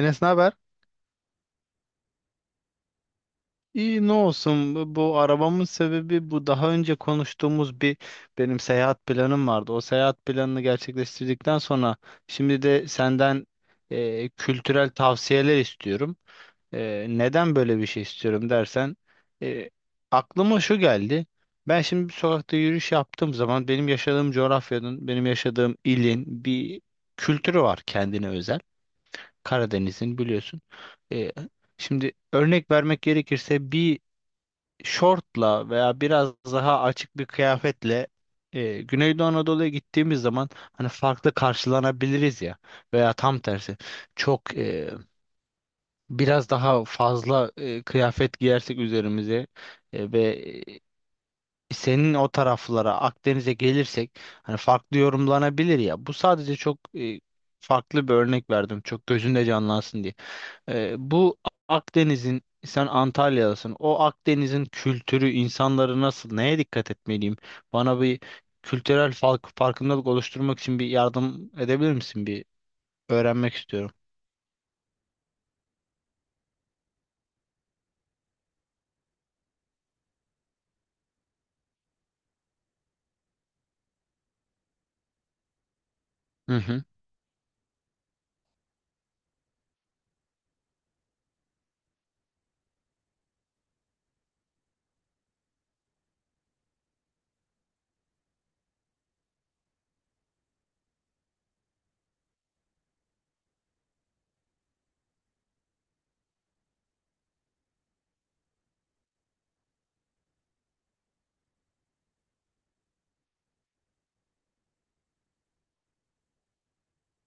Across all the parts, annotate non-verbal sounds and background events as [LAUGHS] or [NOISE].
Enes, ne haber? İyi ne olsun, bu arabamın sebebi bu, daha önce konuştuğumuz bir benim seyahat planım vardı. O seyahat planını gerçekleştirdikten sonra şimdi de senden kültürel tavsiyeler istiyorum. Neden böyle bir şey istiyorum dersen e, aklıma şu geldi. Ben şimdi bir sokakta yürüyüş yaptığım zaman benim yaşadığım coğrafyanın, benim yaşadığım ilin bir kültürü var kendine özel. Karadeniz'in biliyorsun. E, Şimdi örnek vermek gerekirse bir şortla veya biraz daha açık bir kıyafetle Güneydoğu Anadolu'ya gittiğimiz zaman hani farklı karşılanabiliriz ya, veya tam tersi çok biraz daha fazla kıyafet giyersek üzerimize e, ve e, senin o taraflara Akdeniz'e gelirsek hani farklı yorumlanabilir ya. Bu sadece çok farklı bir örnek verdim. Çok gözünde canlansın diye. Bu Akdeniz'in, sen Antalya'dasın. O Akdeniz'in kültürü, insanları nasıl, neye dikkat etmeliyim? Bana bir kültürel fark, farkındalık oluşturmak için bir yardım edebilir misin? Bir öğrenmek istiyorum. Hı hı.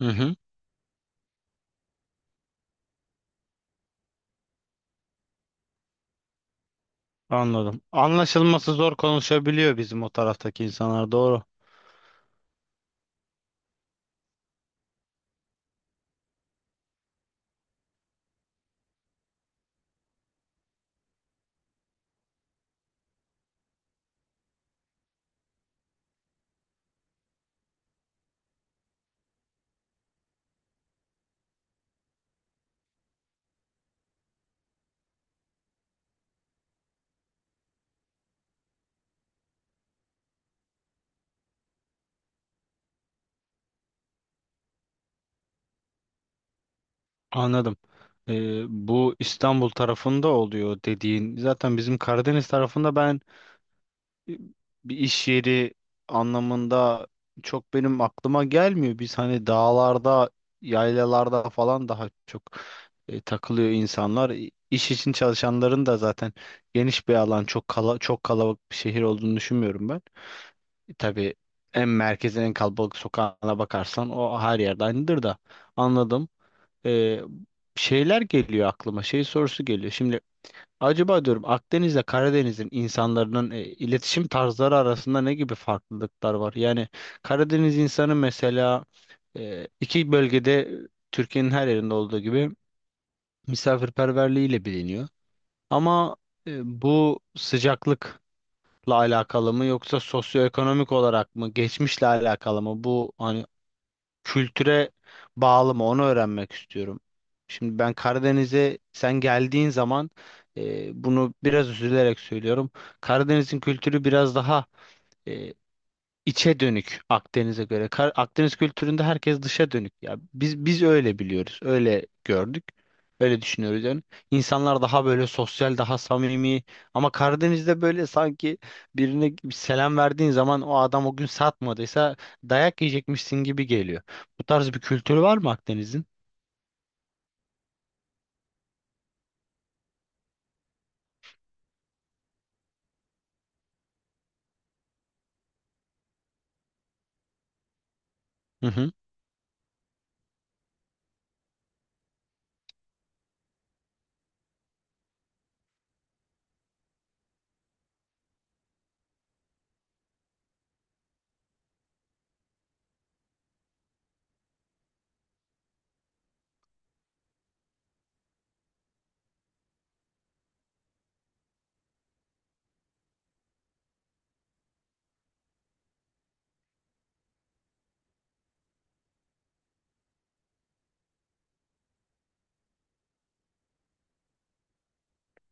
Hı hı. Anladım. Anlaşılması zor konuşabiliyor bizim o taraftaki insanlar. Doğru. Anladım. Bu İstanbul tarafında oluyor dediğin. Zaten bizim Karadeniz tarafında ben bir iş yeri anlamında çok benim aklıma gelmiyor. Biz hani dağlarda, yaylalarda falan daha çok takılıyor insanlar. İş için çalışanların da zaten geniş bir alan, çok kalabalık bir şehir olduğunu düşünmüyorum ben. Tabii en merkezin en kalabalık sokağına bakarsan o her yerde aynıdır da anladım. E, Şeyler geliyor aklıma, şey sorusu geliyor. Şimdi acaba diyorum Akdeniz'le Karadeniz'in insanların iletişim tarzları arasında ne gibi farklılıklar var? Yani Karadeniz insanı mesela iki bölgede, Türkiye'nin her yerinde olduğu gibi, misafirperverliğiyle biliniyor. Ama bu sıcaklıkla alakalı mı, yoksa sosyoekonomik olarak mı, geçmişle alakalı mı? Bu hani kültüre bağlı mı, onu öğrenmek istiyorum. Şimdi ben Karadeniz'e sen geldiğin zaman, bunu biraz üzülerek söylüyorum. Karadeniz'in kültürü biraz daha içe dönük Akdeniz'e göre. Akdeniz kültüründe herkes dışa dönük. Ya biz öyle biliyoruz, öyle gördük. Öyle düşünüyoruz yani. İnsanlar daha böyle sosyal, daha samimi. Ama Karadeniz'de böyle sanki birine bir selam verdiğin zaman o adam o gün satmadıysa dayak yiyecekmişsin gibi geliyor. Bu tarz bir kültürü var mı Akdeniz'in? Hı hı,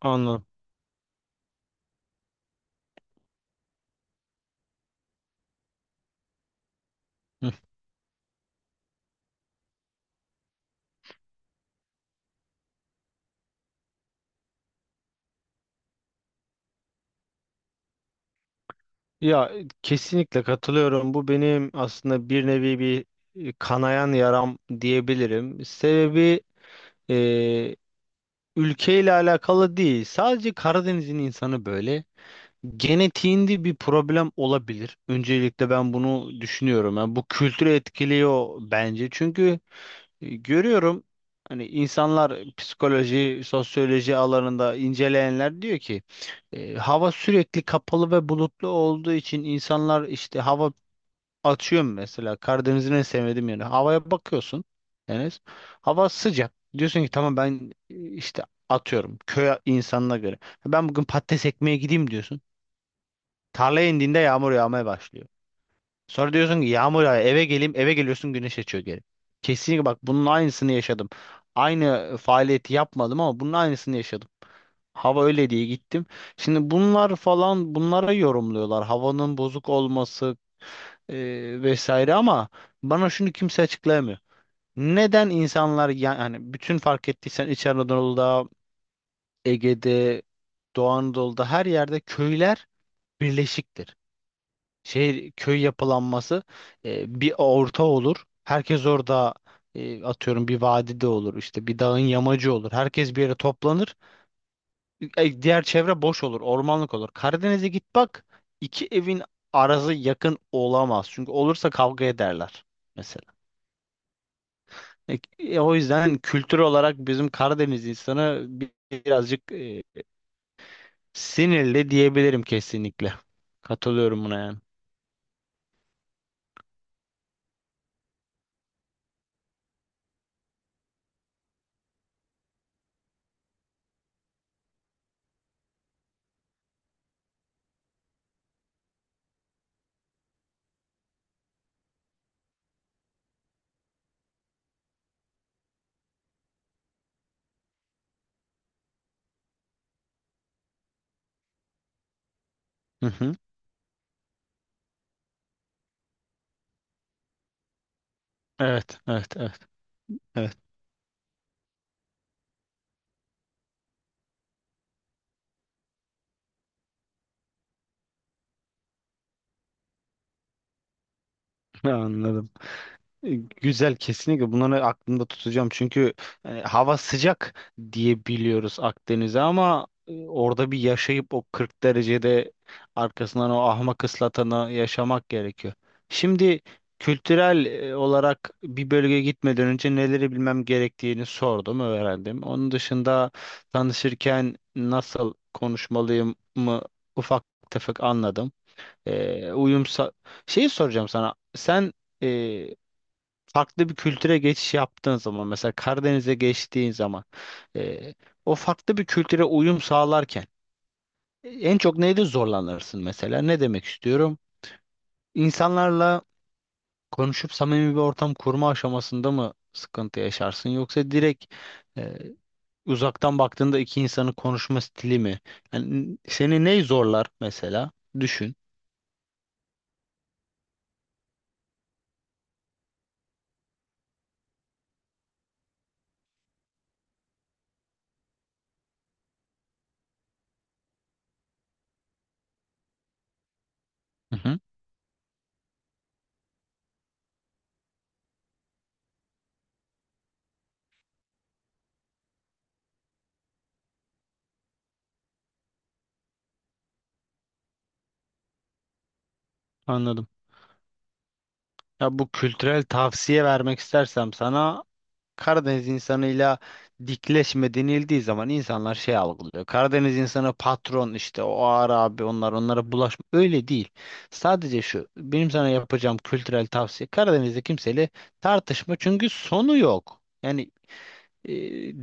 anladım. Hı. Ya kesinlikle katılıyorum. Bu benim aslında bir nevi bir kanayan yaram diyebilirim. Sebebi ülkeyle alakalı değil. Sadece Karadeniz'in insanı böyle. Genetiğinde bir problem olabilir. Öncelikle ben bunu düşünüyorum. Yani bu kültürü etkiliyor bence. Çünkü görüyorum, hani insanlar psikoloji, sosyoloji alanında inceleyenler diyor ki hava sürekli kapalı ve bulutlu olduğu için insanlar işte hava. Atıyorum mesela Karadeniz'in en sevmediğim yeri. Havaya bakıyorsun, Enes. Hava sıcak. Diyorsun ki tamam ben işte atıyorum köy insanına göre. Ben bugün patates ekmeye gideyim diyorsun. Tarlaya indiğinde yağmur yağmaya başlıyor. Sonra diyorsun ki yağmur yağıyor, eve geleyim, eve geliyorsun güneş açıyor geri. Kesinlikle bak bunun aynısını yaşadım. Aynı faaliyeti yapmadım ama bunun aynısını yaşadım. Hava öyle diye gittim. Şimdi bunlar falan bunlara yorumluyorlar. Havanın bozuk olması vesaire, ama bana şunu kimse açıklayamıyor. Neden insanlar yani bütün fark ettiysen İç Anadolu'da, Ege'de, Doğu Anadolu'da her yerde köyler birleşiktir. Şehir köy yapılanması bir orta olur. Herkes orada atıyorum bir vadide olur, işte bir dağın yamacı olur. Herkes bir yere toplanır. Diğer çevre boş olur, ormanlık olur. Karadeniz'e git bak, iki evin arası yakın olamaz. Çünkü olursa kavga ederler. O yüzden kültür olarak bizim Karadeniz insanı birazcık sinirli diyebilirim kesinlikle. Katılıyorum buna yani. Hı hı. Evet, evet, evet, evet. [LAUGHS] Anladım. E, Güzel, kesinlikle bunları aklımda tutacağım, çünkü yani hava sıcak diye biliyoruz Akdeniz'e ama orada bir yaşayıp o 40 derecede arkasından o ahmak ıslatanı yaşamak gerekiyor. Şimdi kültürel olarak bir bölgeye gitmeden önce neleri bilmem gerektiğini sordum, öğrendim. Onun dışında tanışırken nasıl konuşmalıyım mı, ufak tefek anladım. E, uyum sa- Şeyi soracağım sana. Sen e, farklı bir kültüre geçiş yaptığın zaman, mesela Karadeniz'e geçtiğin zaman, e, o farklı bir kültüre uyum sağlarken en çok neyde zorlanırsın mesela? Ne demek istiyorum? İnsanlarla konuşup samimi bir ortam kurma aşamasında mı sıkıntı yaşarsın, yoksa direkt e, uzaktan baktığında iki insanın konuşma stili mi? Yani seni ney zorlar mesela? Düşün. Hı hı, anladım. Ya bu kültürel tavsiye vermek istersem sana, Karadeniz insanıyla dikleşme denildiği zaman insanlar şey algılıyor. Karadeniz insanı patron, işte o ağır abi, onlar, onlara bulaşma. Öyle değil. Sadece şu benim sana yapacağım kültürel tavsiye: Karadeniz'de kimseyle tartışma, çünkü sonu yok. Yani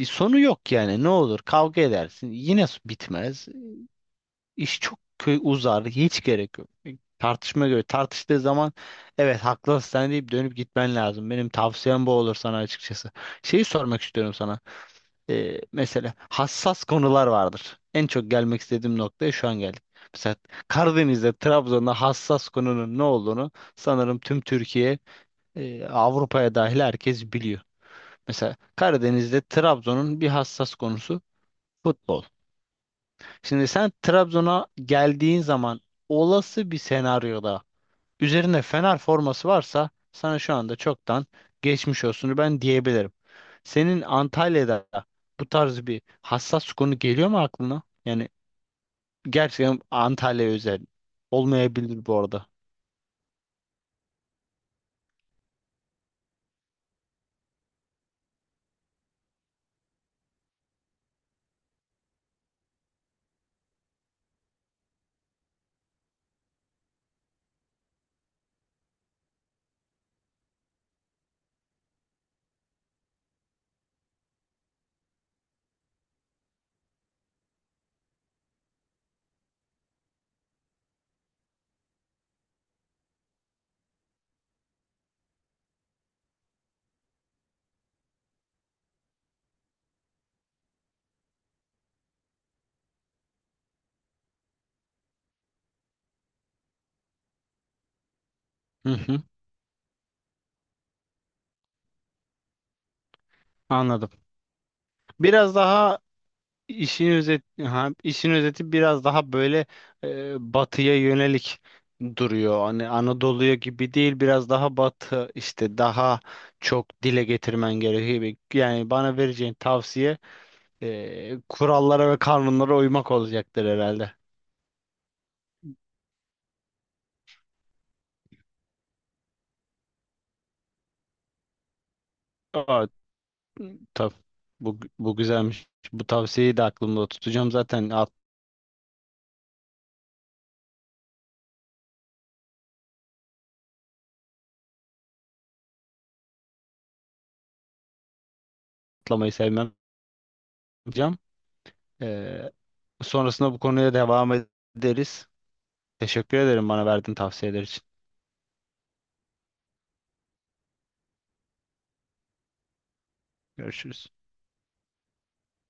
sonu yok yani, ne olur kavga edersin, yine bitmez. Uzar. Hiç gerek yok. Tartışma göre. Tartıştığı zaman evet haklısın sen deyip dönüp gitmen lazım. Benim tavsiyem bu olur sana açıkçası. Şeyi sormak istiyorum sana. Mesela hassas konular vardır. En çok gelmek istediğim noktaya şu an geldik. Mesela Karadeniz'de, Trabzon'da hassas konunun ne olduğunu sanırım tüm Türkiye, Avrupa'ya dahil herkes biliyor. Mesela Karadeniz'de Trabzon'un bir hassas konusu futbol. Şimdi sen Trabzon'a geldiğin zaman, olası bir senaryoda üzerine Fener forması varsa sana şu anda çoktan geçmiş olsun ben diyebilirim. Senin Antalya'da bu tarz bir hassas konu geliyor mu aklına? Yani gerçekten Antalya özel olmayabilir bu arada. Hı hı, anladım. Biraz daha İşin özet, ha, işin özeti biraz daha böyle batıya yönelik duruyor. Hani Anadolu'ya gibi değil, biraz daha batı, işte daha çok dile getirmen gerekiyor. Yani bana vereceğin tavsiye kurallara ve kanunlara uymak olacaktır herhalde. Aa, tabii. Bu güzelmiş. Bu tavsiyeyi de aklımda tutacağım. Zaten atlamayı sevmem. Hocam. E, Sonrasında bu konuya devam ederiz. Teşekkür ederim bana verdiğin tavsiyeler için. Görüşürüz.